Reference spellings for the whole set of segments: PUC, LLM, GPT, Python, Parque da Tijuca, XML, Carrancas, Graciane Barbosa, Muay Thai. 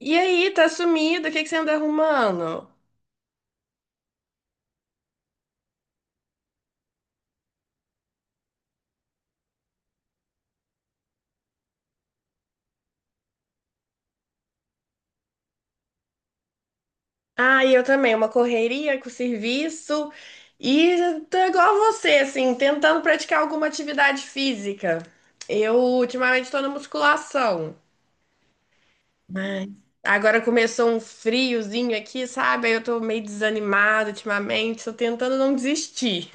E aí, tá sumido? O que que você anda arrumando? Ah, e eu também, uma correria com o serviço. E tô igual a você, assim, tentando praticar alguma atividade física. Eu ultimamente tô na musculação, mas agora começou um friozinho aqui, sabe? Aí eu tô meio desanimada ultimamente, tô tentando não desistir.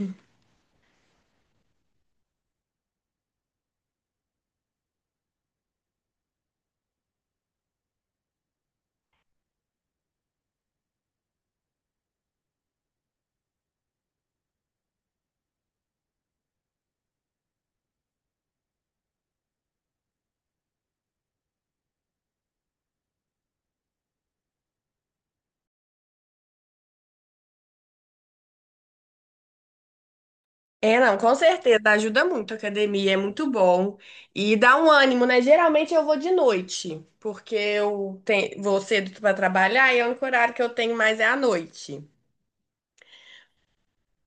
É, não, com certeza, ajuda muito a academia, é muito bom. E dá um ânimo, né? Geralmente eu vou de noite, porque vou cedo para trabalhar e é o único horário que eu tenho mais é à noite.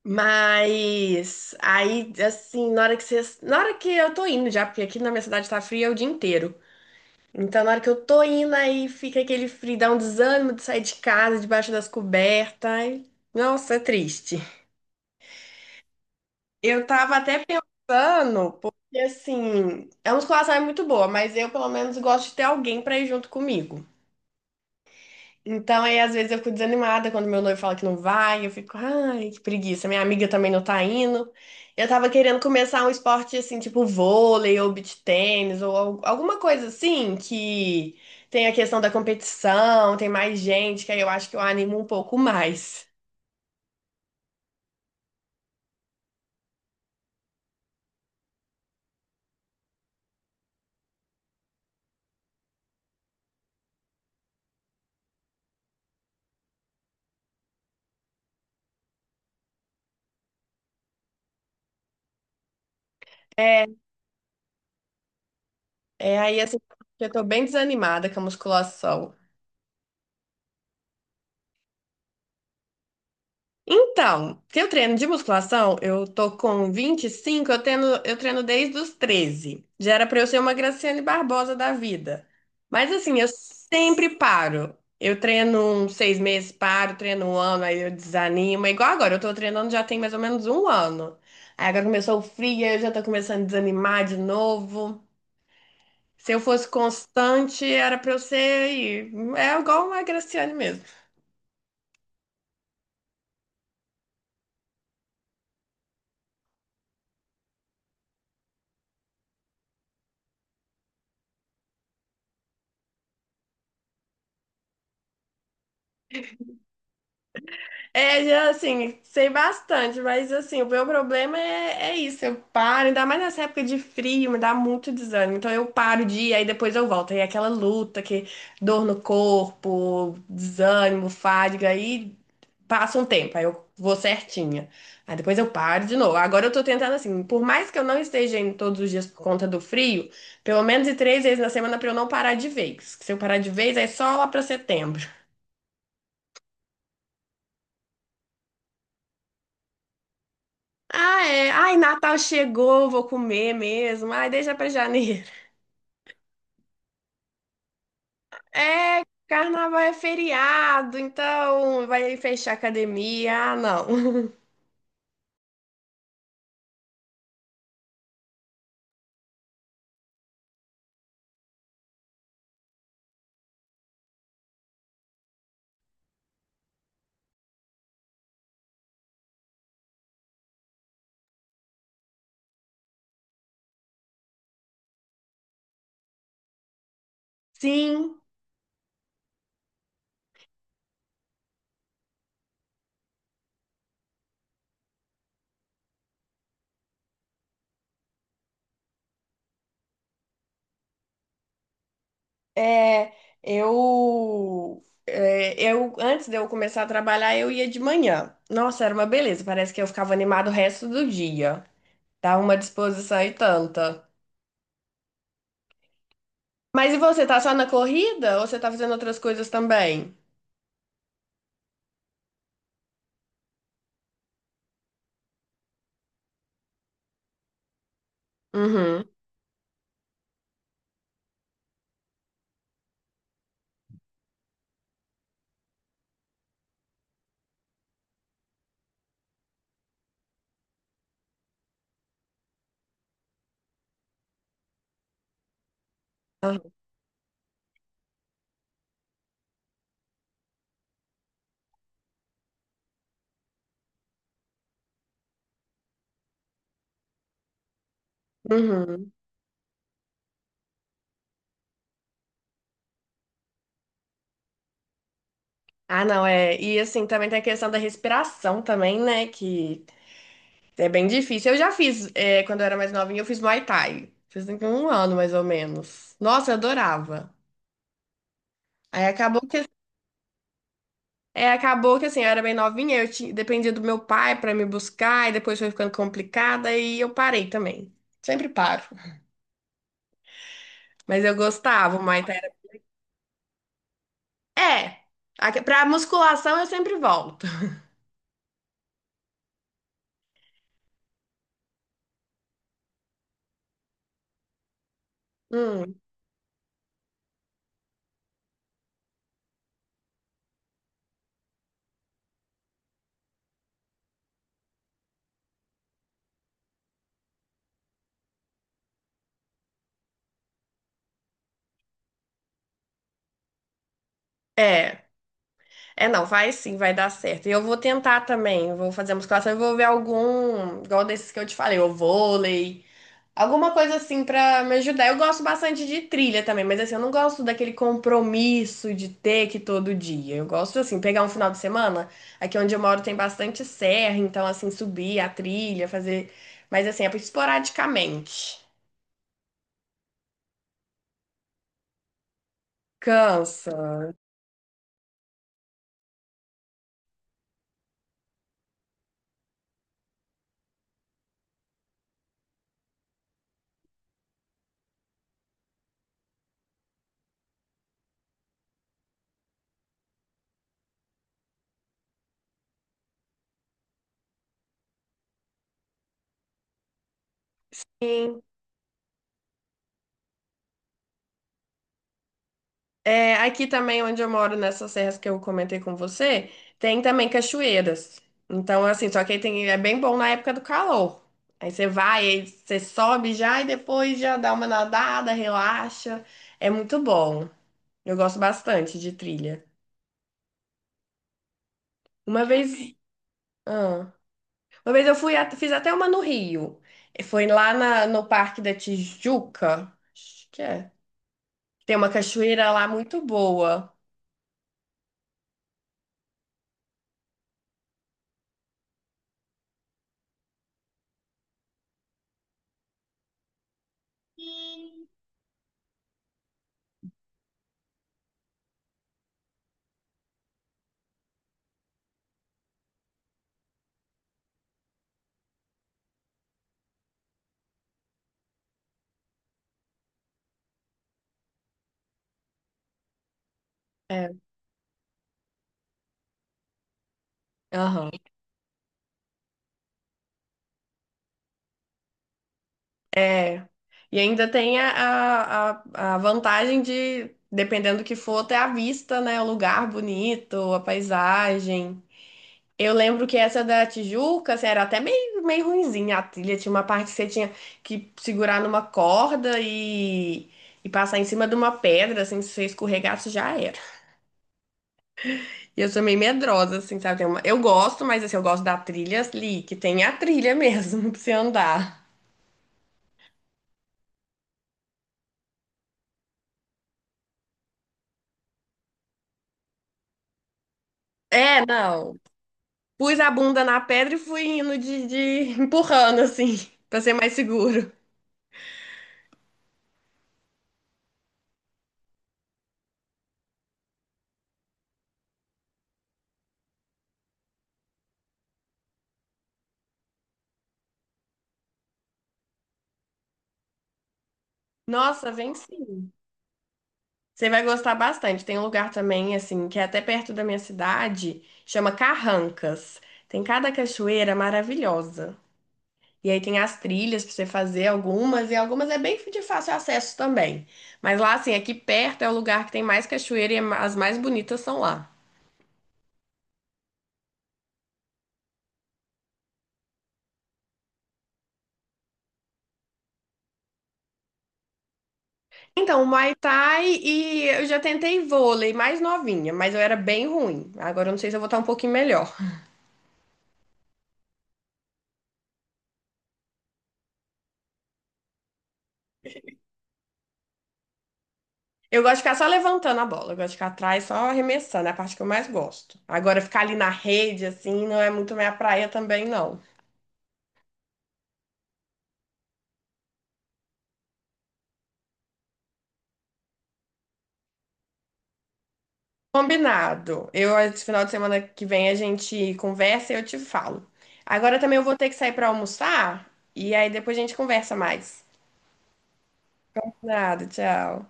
Mas aí, assim, na hora que eu tô indo já, porque aqui na minha cidade tá fria o dia inteiro. Então, na hora que eu tô indo, aí fica aquele frio, dá um desânimo de sair de casa, debaixo das cobertas. Ai, nossa, é triste. Eu tava até pensando, porque assim, a musculação é muito boa, mas eu pelo menos gosto de ter alguém pra ir junto comigo. Então aí às vezes eu fico desanimada quando meu noivo fala que não vai, eu fico, ai, que preguiça, minha amiga também não tá indo. Eu tava querendo começar um esporte assim, tipo vôlei ou beach tênis ou alguma coisa assim que tem a questão da competição, tem mais gente, que aí eu acho que eu animo um pouco mais. É, é, aí assim, eu tô bem desanimada com a musculação. Então, se eu treino de musculação, eu tô com 25. Eu treino desde os 13. Já era pra eu ser uma Graciane Barbosa da vida. Mas assim, eu sempre paro. Eu treino uns 6 meses, paro, treino um ano, aí eu desanimo. É igual agora, eu tô treinando já tem mais ou menos um ano. Aí agora começou o frio, aí eu já tô começando a desanimar de novo. Se eu fosse constante, era pra eu ser. É igual uma Graciane mesmo. É, assim, sei bastante, mas assim, o meu problema é isso, eu paro, ainda mais nessa época de frio, me dá muito desânimo. Então eu paro de ir, aí depois eu volto. Aí é aquela luta que dor no corpo, desânimo, fadiga, aí passa um tempo, aí eu vou certinha. Aí depois eu paro de novo. Agora eu tô tentando assim, por mais que eu não esteja indo todos os dias por conta do frio, pelo menos de 3 vezes na semana pra eu não parar de vez. Se eu parar de vez, é só lá pra setembro. Ah, é. Ai, Natal chegou, vou comer mesmo. Ai, deixa pra janeiro. É, carnaval é feriado, então vai fechar a academia. Ah, não. Sim, é, eu antes de eu começar a trabalhar, eu ia de manhã. Nossa, era uma beleza, parece que eu ficava animado o resto do dia. Dá uma disposição e tanta. Mas e você, tá só na corrida ou você tá fazendo outras coisas também? Uhum. Uhum. Ah, não, é. E assim, também tem a questão da respiração também, né? Que é bem difícil. Eu já fiz, é, quando eu era mais novinha, eu fiz Muay Thai. Fiz com um ano, mais ou menos. Nossa, eu adorava. Aí acabou que, acabou que assim, eu era bem novinha, eu tinha, dependia do meu pai pra me buscar, e depois foi ficando complicada, e eu parei também. Sempre paro. Mas eu gostava, o Muay Thai. É, pra musculação eu sempre volto. Hum, é. É, não, vai sim, vai dar certo. E eu vou tentar também, vou fazer a musculação e vou ver algum, igual desses que eu te falei, o vôlei, alguma coisa assim pra me ajudar. Eu gosto bastante de trilha também, mas assim, eu não gosto daquele compromisso de ter que ir todo dia. Eu gosto assim, pegar um final de semana, aqui onde eu moro tem bastante serra, então assim, subir a trilha, fazer, mas assim, é esporadicamente. Cansa. É, aqui também onde eu moro, nessas serras que eu comentei com você, tem também cachoeiras. Então, assim, só que aí tem, é bem bom na época do calor. Aí você vai, aí você sobe já e depois já dá uma nadada, relaxa. É muito bom. Eu gosto bastante de trilha. Uma vez, ah, uma vez eu fui, fiz até uma no Rio. E foi lá no Parque da Tijuca, acho que é. Tem uma cachoeira lá muito boa. É. Aham. É. E ainda tem a vantagem de, dependendo do que for, ter a vista, né? O lugar bonito, a paisagem. Eu lembro que essa da Tijuca, assim, era até meio, meio ruinzinha a trilha. Tinha uma parte que você tinha que segurar numa corda e passar em cima de uma pedra, assim, se você escorregasse, já era. E eu sou meio medrosa, assim, sabe? Eu gosto, mas assim, eu gosto da trilha ali, que tem a trilha mesmo pra você andar. É, não. Pus a bunda na pedra e fui indo empurrando, assim, pra ser mais seguro. Nossa, vem sim. Você vai gostar bastante. Tem um lugar também, assim, que é até perto da minha cidade, chama Carrancas. Tem cada cachoeira maravilhosa. E aí tem as trilhas pra você fazer algumas, e algumas é bem de fácil acesso também. Mas lá, assim, aqui perto é o lugar que tem mais cachoeira e é as mais bonitas são lá. Então, Muay Thai e eu já tentei vôlei mais novinha, mas eu era bem ruim. Agora eu não sei se eu vou estar um pouquinho melhor. Eu gosto de ficar só levantando a bola, eu gosto de ficar atrás só arremessando, é a parte que eu mais gosto. Agora ficar ali na rede, assim, não é muito minha praia também, não. Combinado. Eu, esse final de semana que vem, a gente conversa e eu te falo. Agora também eu vou ter que sair para almoçar e aí depois a gente conversa mais. Nada, tchau.